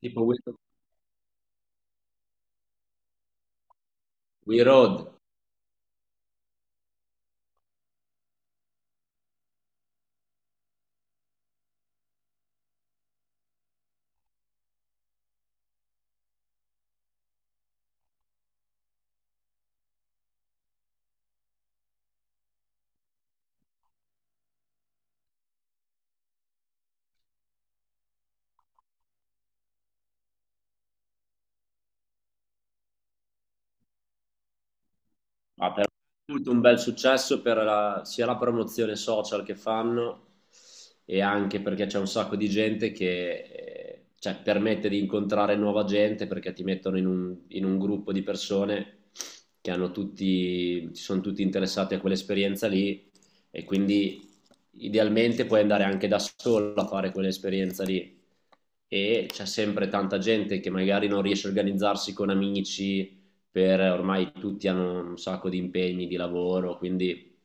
Tipo We, We Road, ha però avuto un bel successo per sia la promozione social che fanno, e anche perché c'è un sacco di gente che permette di incontrare nuova gente, perché ti mettono in un gruppo di persone che sono tutti interessati a quell'esperienza lì, e quindi idealmente puoi andare anche da solo a fare quell'esperienza lì. E c'è sempre tanta gente che magari non riesce a organizzarsi con amici, per ormai tutti hanno un sacco di impegni di lavoro, quindi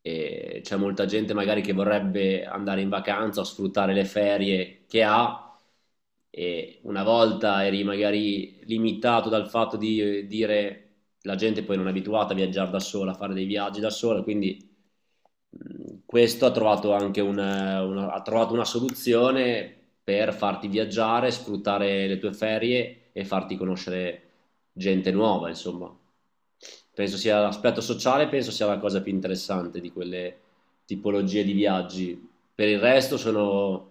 c'è molta gente magari che vorrebbe andare in vacanza o sfruttare le ferie che ha, e una volta eri magari limitato dal fatto di dire, la gente poi non è abituata a viaggiare da sola, a fare dei viaggi da sola. Quindi, mm, questo ha trovato anche ha trovato una soluzione per farti viaggiare, sfruttare le tue ferie e farti conoscere gente nuova, insomma. Penso sia l'aspetto sociale, penso sia la cosa più interessante di quelle tipologie di viaggi. Per il resto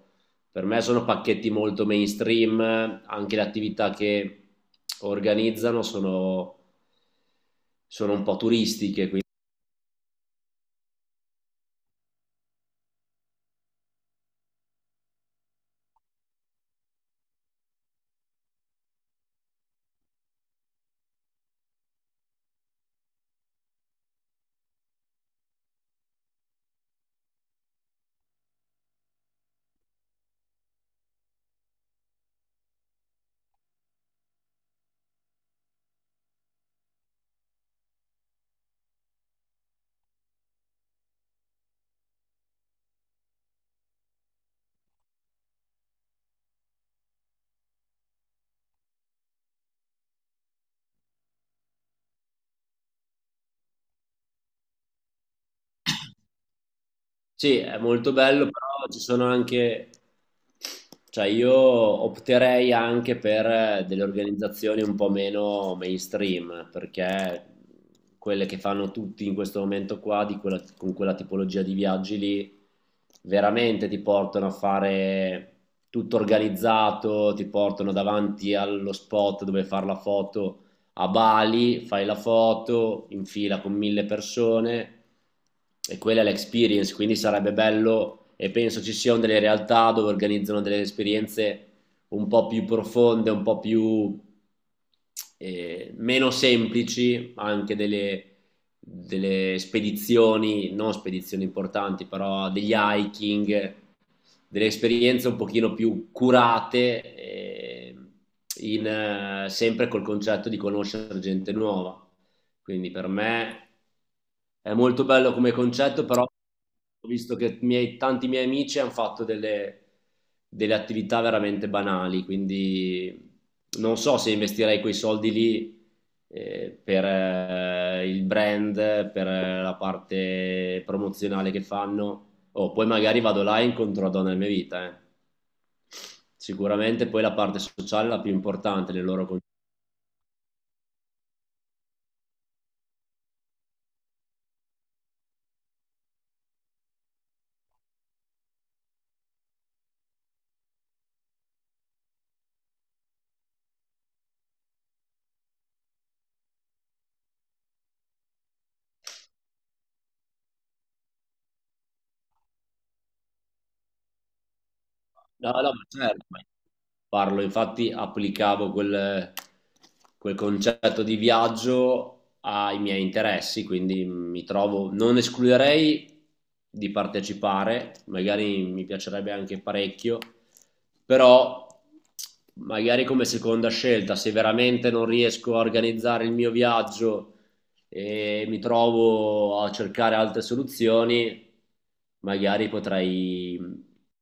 per me sono pacchetti molto mainstream, anche le attività che organizzano sono un po' turistiche, quindi... Sì, è molto bello, però ci sono anche, cioè, io opterei anche per delle organizzazioni un po' meno mainstream, perché quelle che fanno tutti in questo momento qua, di quella- con quella tipologia di viaggi lì, veramente ti portano a fare tutto organizzato, ti portano davanti allo spot dove fare la foto a Bali, fai la foto in fila con 1000 persone e quella è l'experience. Quindi sarebbe bello, e penso ci siano delle realtà dove organizzano delle esperienze un po' più profonde, un po' più meno semplici, anche delle spedizioni, non spedizioni importanti, però degli hiking, delle esperienze un pochino più curate, sempre col concetto di conoscere gente nuova. Quindi per me è molto bello come concetto, però ho visto che tanti miei amici hanno fatto delle attività veramente banali, quindi non so se investirei quei soldi lì per il brand, per la parte promozionale che fanno. Oh, poi magari vado là e incontro la donna della mia vita, eh. Sicuramente poi la parte sociale è la più importante nel loro concetto. No, no, ma certo, ma parlo, infatti applicavo quel concetto di viaggio ai miei interessi, quindi mi trovo, non escluderei di partecipare, magari mi piacerebbe anche parecchio, però magari come seconda scelta, se veramente non riesco a organizzare il mio viaggio e mi trovo a cercare altre soluzioni, magari potrei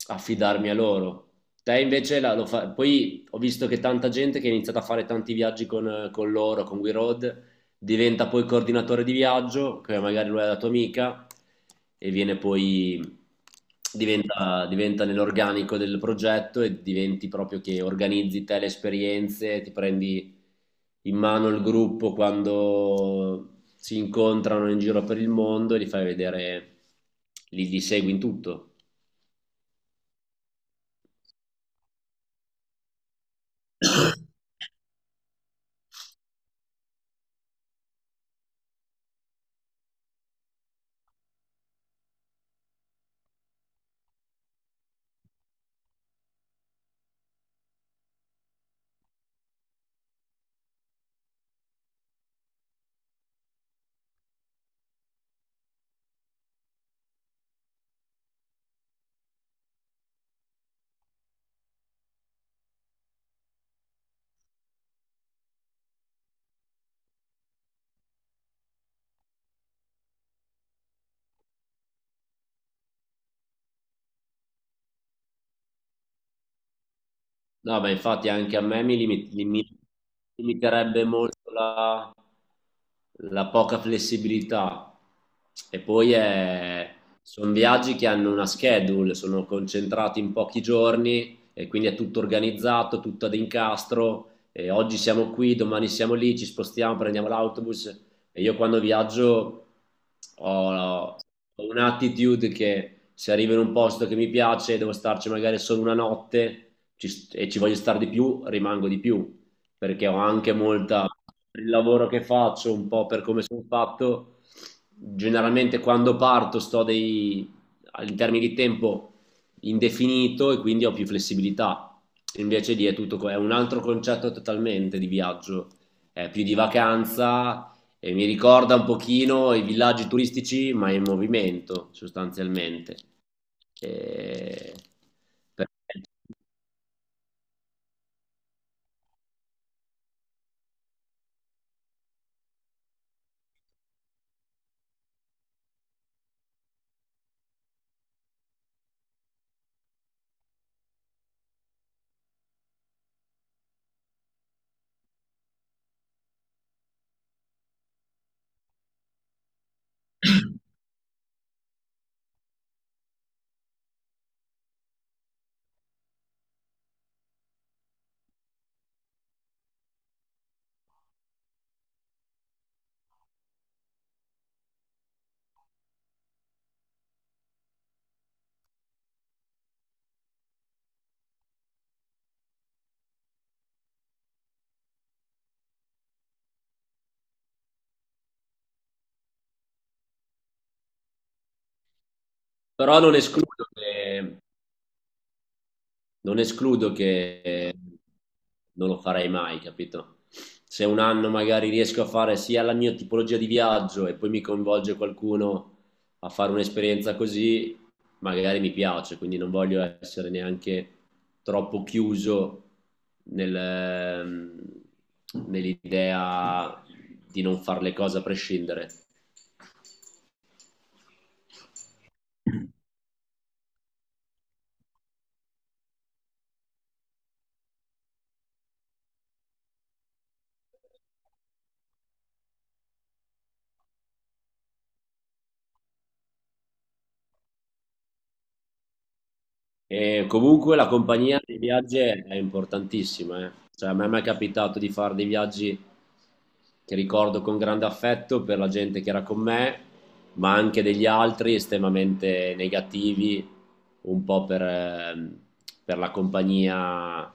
affidarmi a loro. Te invece poi ho visto che tanta gente che ha iniziato a fare tanti viaggi con loro, con WeRoad, diventa poi coordinatore di viaggio, che magari lui è la tua amica, e viene poi, diventa nell'organico del progetto e diventi proprio che organizzi te le esperienze, ti prendi in mano il gruppo quando si incontrano in giro per il mondo e li fai vedere, li segui in tutto. No, ma infatti anche a me mi limiterebbe molto la poca flessibilità, e poi è... sono viaggi che hanno una schedule, sono concentrati in pochi giorni e quindi è tutto organizzato, tutto ad incastro. E oggi siamo qui, domani siamo lì, ci spostiamo, prendiamo l'autobus. E io quando viaggio ho, ho un'attitude che se arrivo in un posto che mi piace, devo starci magari solo una notte e ci voglio stare di più, rimango di più, perché ho anche molta, per il lavoro che faccio, un po' per come sono fatto, generalmente quando parto sto dei, in termini di tempo indefinito, e quindi ho più flessibilità. Invece lì è tutto, è un altro concetto totalmente di viaggio, è più di vacanza, e mi ricorda un pochino i villaggi turistici, ma in movimento sostanzialmente. E- per- Però non escludo che non escludo che eh, non lo farei mai, capito? Se un anno magari riesco a fare sia la mia tipologia di viaggio e poi mi coinvolge qualcuno a fare un'esperienza così, magari mi piace, quindi non voglio essere neanche troppo chiuso nel, nell'idea di non fare le cose a prescindere. E comunque la compagnia dei viaggi è importantissima, eh. Cioè, a me mi è mai capitato di fare dei viaggi che ricordo con grande affetto per la gente che era con me, ma anche degli altri estremamente negativi, un po' per la compagnia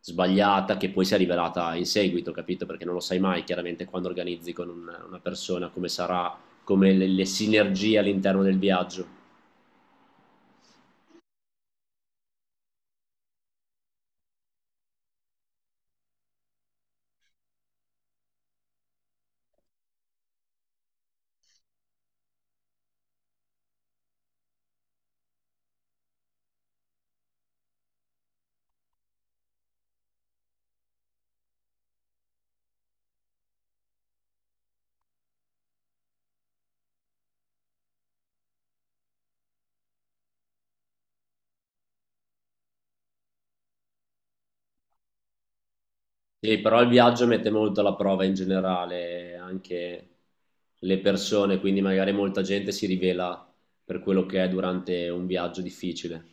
sbagliata che poi si è rivelata in seguito, capito? Perché non lo sai mai chiaramente quando organizzi con una persona come sarà, come le sinergie all'interno del viaggio. Sì, però il viaggio mette molto alla prova in generale anche le persone, quindi magari molta gente si rivela per quello che è durante un viaggio difficile.